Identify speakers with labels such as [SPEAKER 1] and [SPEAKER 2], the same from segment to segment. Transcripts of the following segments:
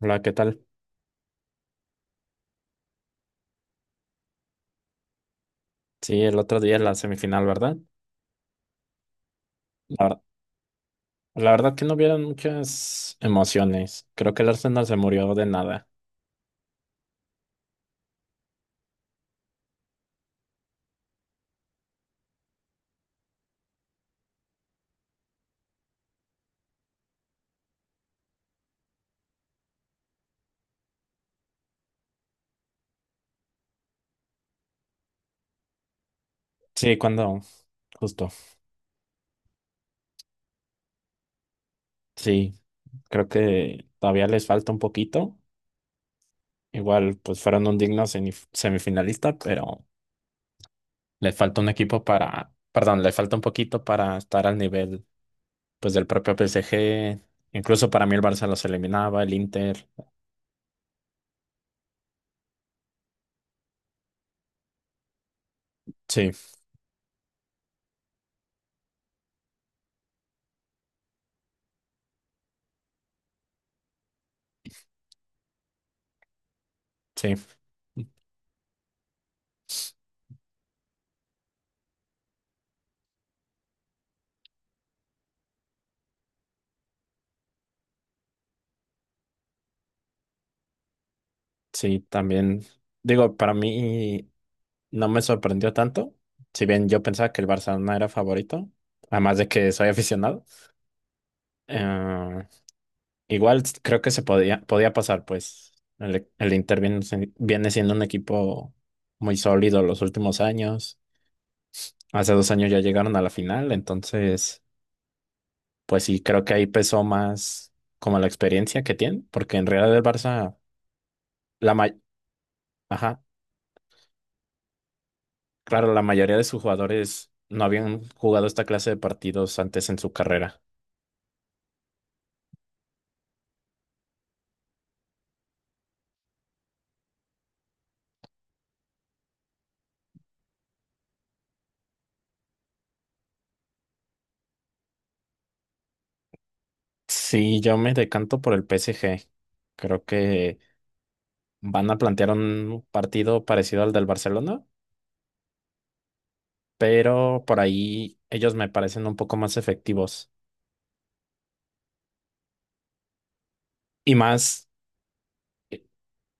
[SPEAKER 1] Hola, ¿qué tal? Sí, el otro día la semifinal, ¿verdad? La, ver- la verdad que no hubieron muchas emociones. Creo que el Arsenal se murió de nada. Sí, cuando, justo. Sí, creo que todavía les falta un poquito. Igual, pues fueron un digno semifinalista, pero les falta un equipo para, perdón, les falta un poquito para estar al nivel, pues, del propio PSG. Incluso para mí el Barça los eliminaba, el Inter. Sí, sí, sí, también. Digo, para mí. No me sorprendió tanto, si bien yo pensaba que el Barcelona era favorito, además de que soy aficionado. Eh, igual creo que se podía pasar, pues el Inter viene, viene siendo un equipo muy sólido los últimos años. Hace 2 años ya llegaron a la final, entonces, pues sí, creo que ahí pesó más como la experiencia que tienen, porque en realidad el Barça, la may- ajá, claro, la mayoría de sus jugadores no habían jugado esta clase de partidos antes en su carrera. Sí, yo me decanto por el PSG. Creo que van a plantear un partido parecido al del Barcelona, pero por ahí ellos me parecen un poco más efectivos y más, eh,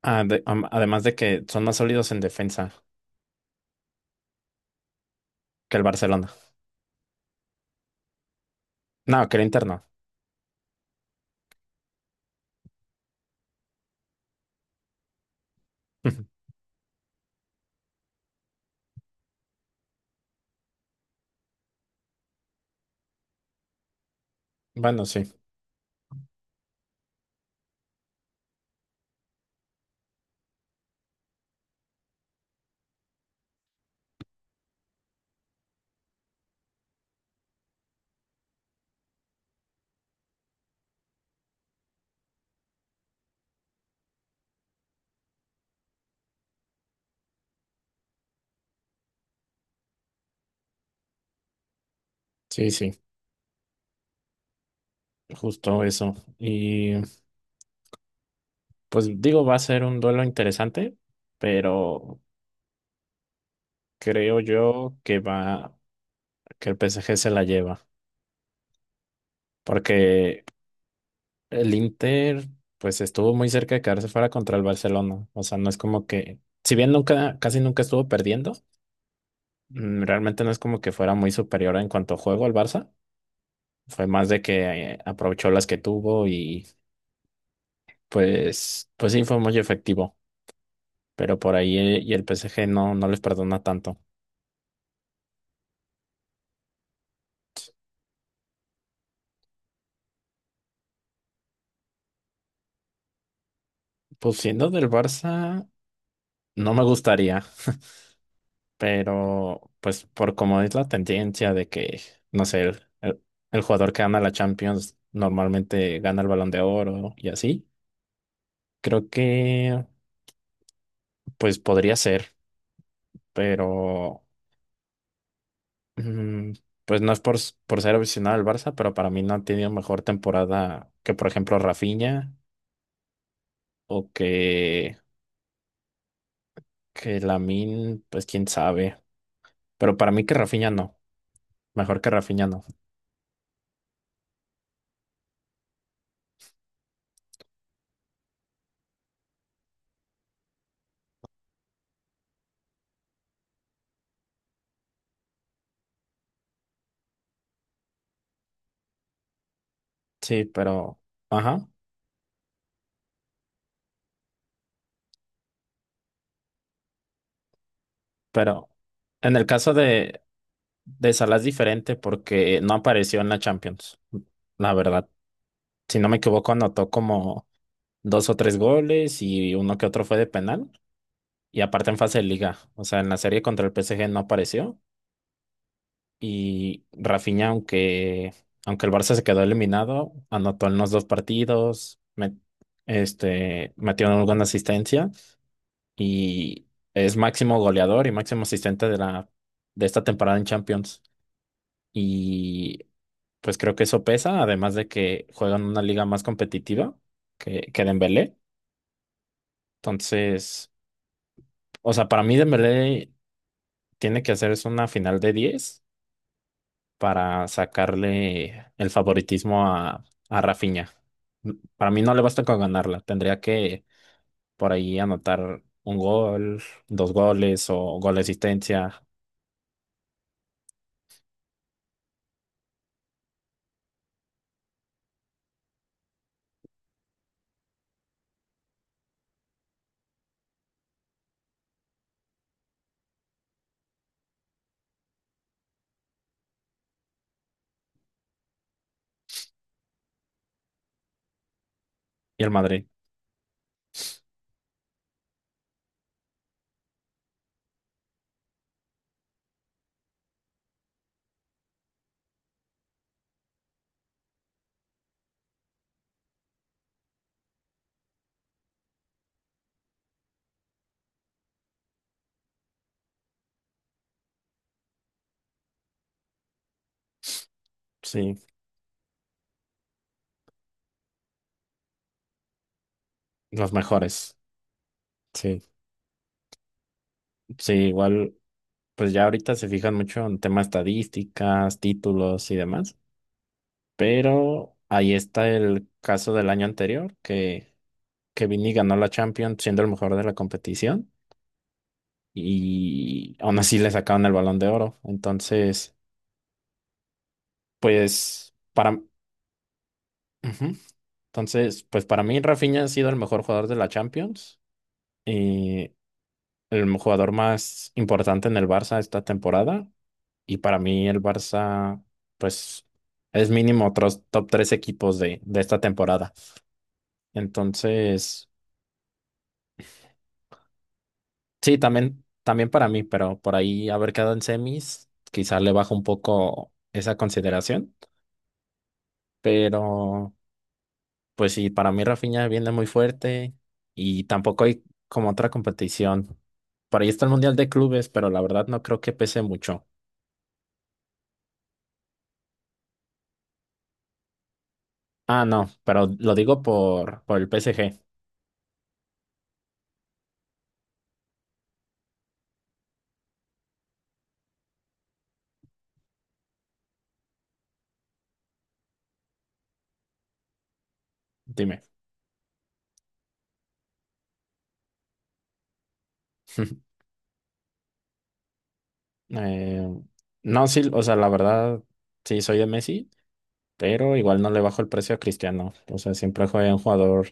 [SPEAKER 1] además de que son más sólidos en defensa que el Barcelona. No, que el interno. Bueno, sí, sí, sí, justo eso. Y pues digo, va a ser un duelo interesante, pero creo yo que va, que el PSG se la lleva, porque el Inter, pues estuvo muy cerca de quedarse fuera contra el Barcelona. O sea, no es como que, si bien nunca, casi nunca estuvo perdiendo, realmente no es como que fuera muy superior en cuanto a juego al Barça. Fue más de que aprovechó las que tuvo y pues, pues sí fue muy efectivo. Pero por ahí y el PSG no, no les perdona tanto. Pues siendo del Barça, no me gustaría. Pero, pues, por como es la tendencia de que, no sé, el jugador que gana la Champions normalmente gana el Balón de Oro y así, creo que, pues, podría ser, pero, mm, pues, no es por ser aficionado al Barça, pero para mí no ha tenido mejor temporada que, por ejemplo, Rafinha o que Lamine, pues, quién sabe. Pero para mí que Rafinha no, mejor que Rafinha no. Sí, pero, ajá, pero. En el caso de, de Salah es diferente porque no apareció en la Champions, la verdad. Si no me equivoco, anotó como dos o tres goles y uno que otro fue de penal. Y aparte en fase de liga, o sea, en la serie contra el PSG no apareció. Y Rafinha, aunque el Barça se quedó eliminado, anotó en los dos partidos, metió alguna asistencia y es máximo goleador y máximo asistente de la, de esta temporada en Champions. Y pues creo que eso pesa, además de que juegan una liga más competitiva que Dembélé. Entonces, o sea, para mí Dembélé tiene que hacerse una final de 10 para sacarle el favoritismo a Rafinha. Para mí no le basta con ganarla, tendría que por ahí anotar un gol, dos goles o gol de asistencia. Y el Madrid, sí, los mejores. Sí, sí, igual. Pues ya ahorita se fijan mucho en temas estadísticas, títulos y demás, pero ahí está el caso del año anterior, que Vini ganó la Champions siendo el mejor de la competición y aún así le sacaron el Balón de Oro. Entonces, pues para, ujú. Entonces, pues para mí Rafinha ha sido el mejor jugador de la Champions y el jugador más importante en el Barça esta temporada. Y para mí el Barça, pues, es mínimo otros top tres equipos de esta temporada. Entonces, sí, también, también para mí, pero por ahí haber quedado en semis, quizás le baja un poco esa consideración. Pero, pues sí, para mí Rafinha viene muy fuerte y tampoco hay como otra competición. Por ahí está el Mundial de Clubes, pero la verdad no creo que pese mucho. Ah, no, pero lo digo por el PSG. Dime. Eh, no, sí, o sea, la verdad, sí soy de Messi, pero igual no le bajo el precio a Cristiano. O sea, siempre fue un jugador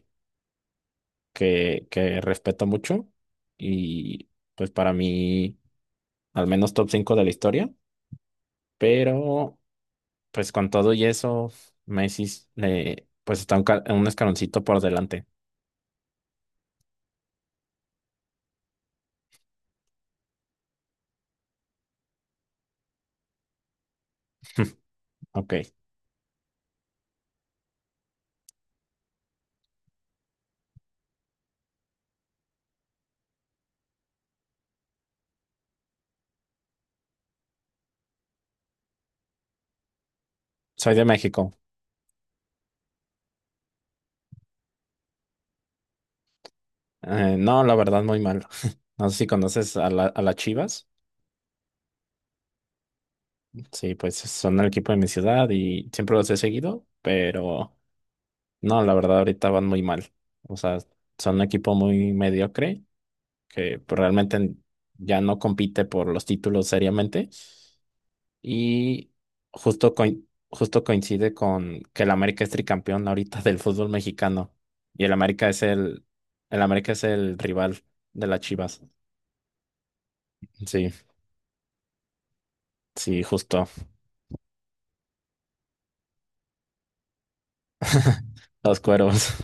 [SPEAKER 1] que respeto mucho y pues para mí, al menos top 5 de la historia, pero pues con todo y eso, Messi le, pues está un escaloncito por delante. Ok, soy de México. No, la verdad, muy mal. No sé si conoces a la, a las Chivas. Sí, pues son el equipo de mi ciudad y siempre los he seguido, pero no, la verdad ahorita van muy mal. O sea, son un equipo muy mediocre que pues, realmente ya no compite por los títulos seriamente y justo, justo coincide con que el América es tricampeón ahorita del fútbol mexicano y el América es el rival de las Chivas. Sí, sí, justo. Los cueros.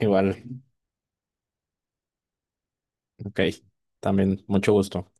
[SPEAKER 1] Igual. Ok, también, mucho gusto.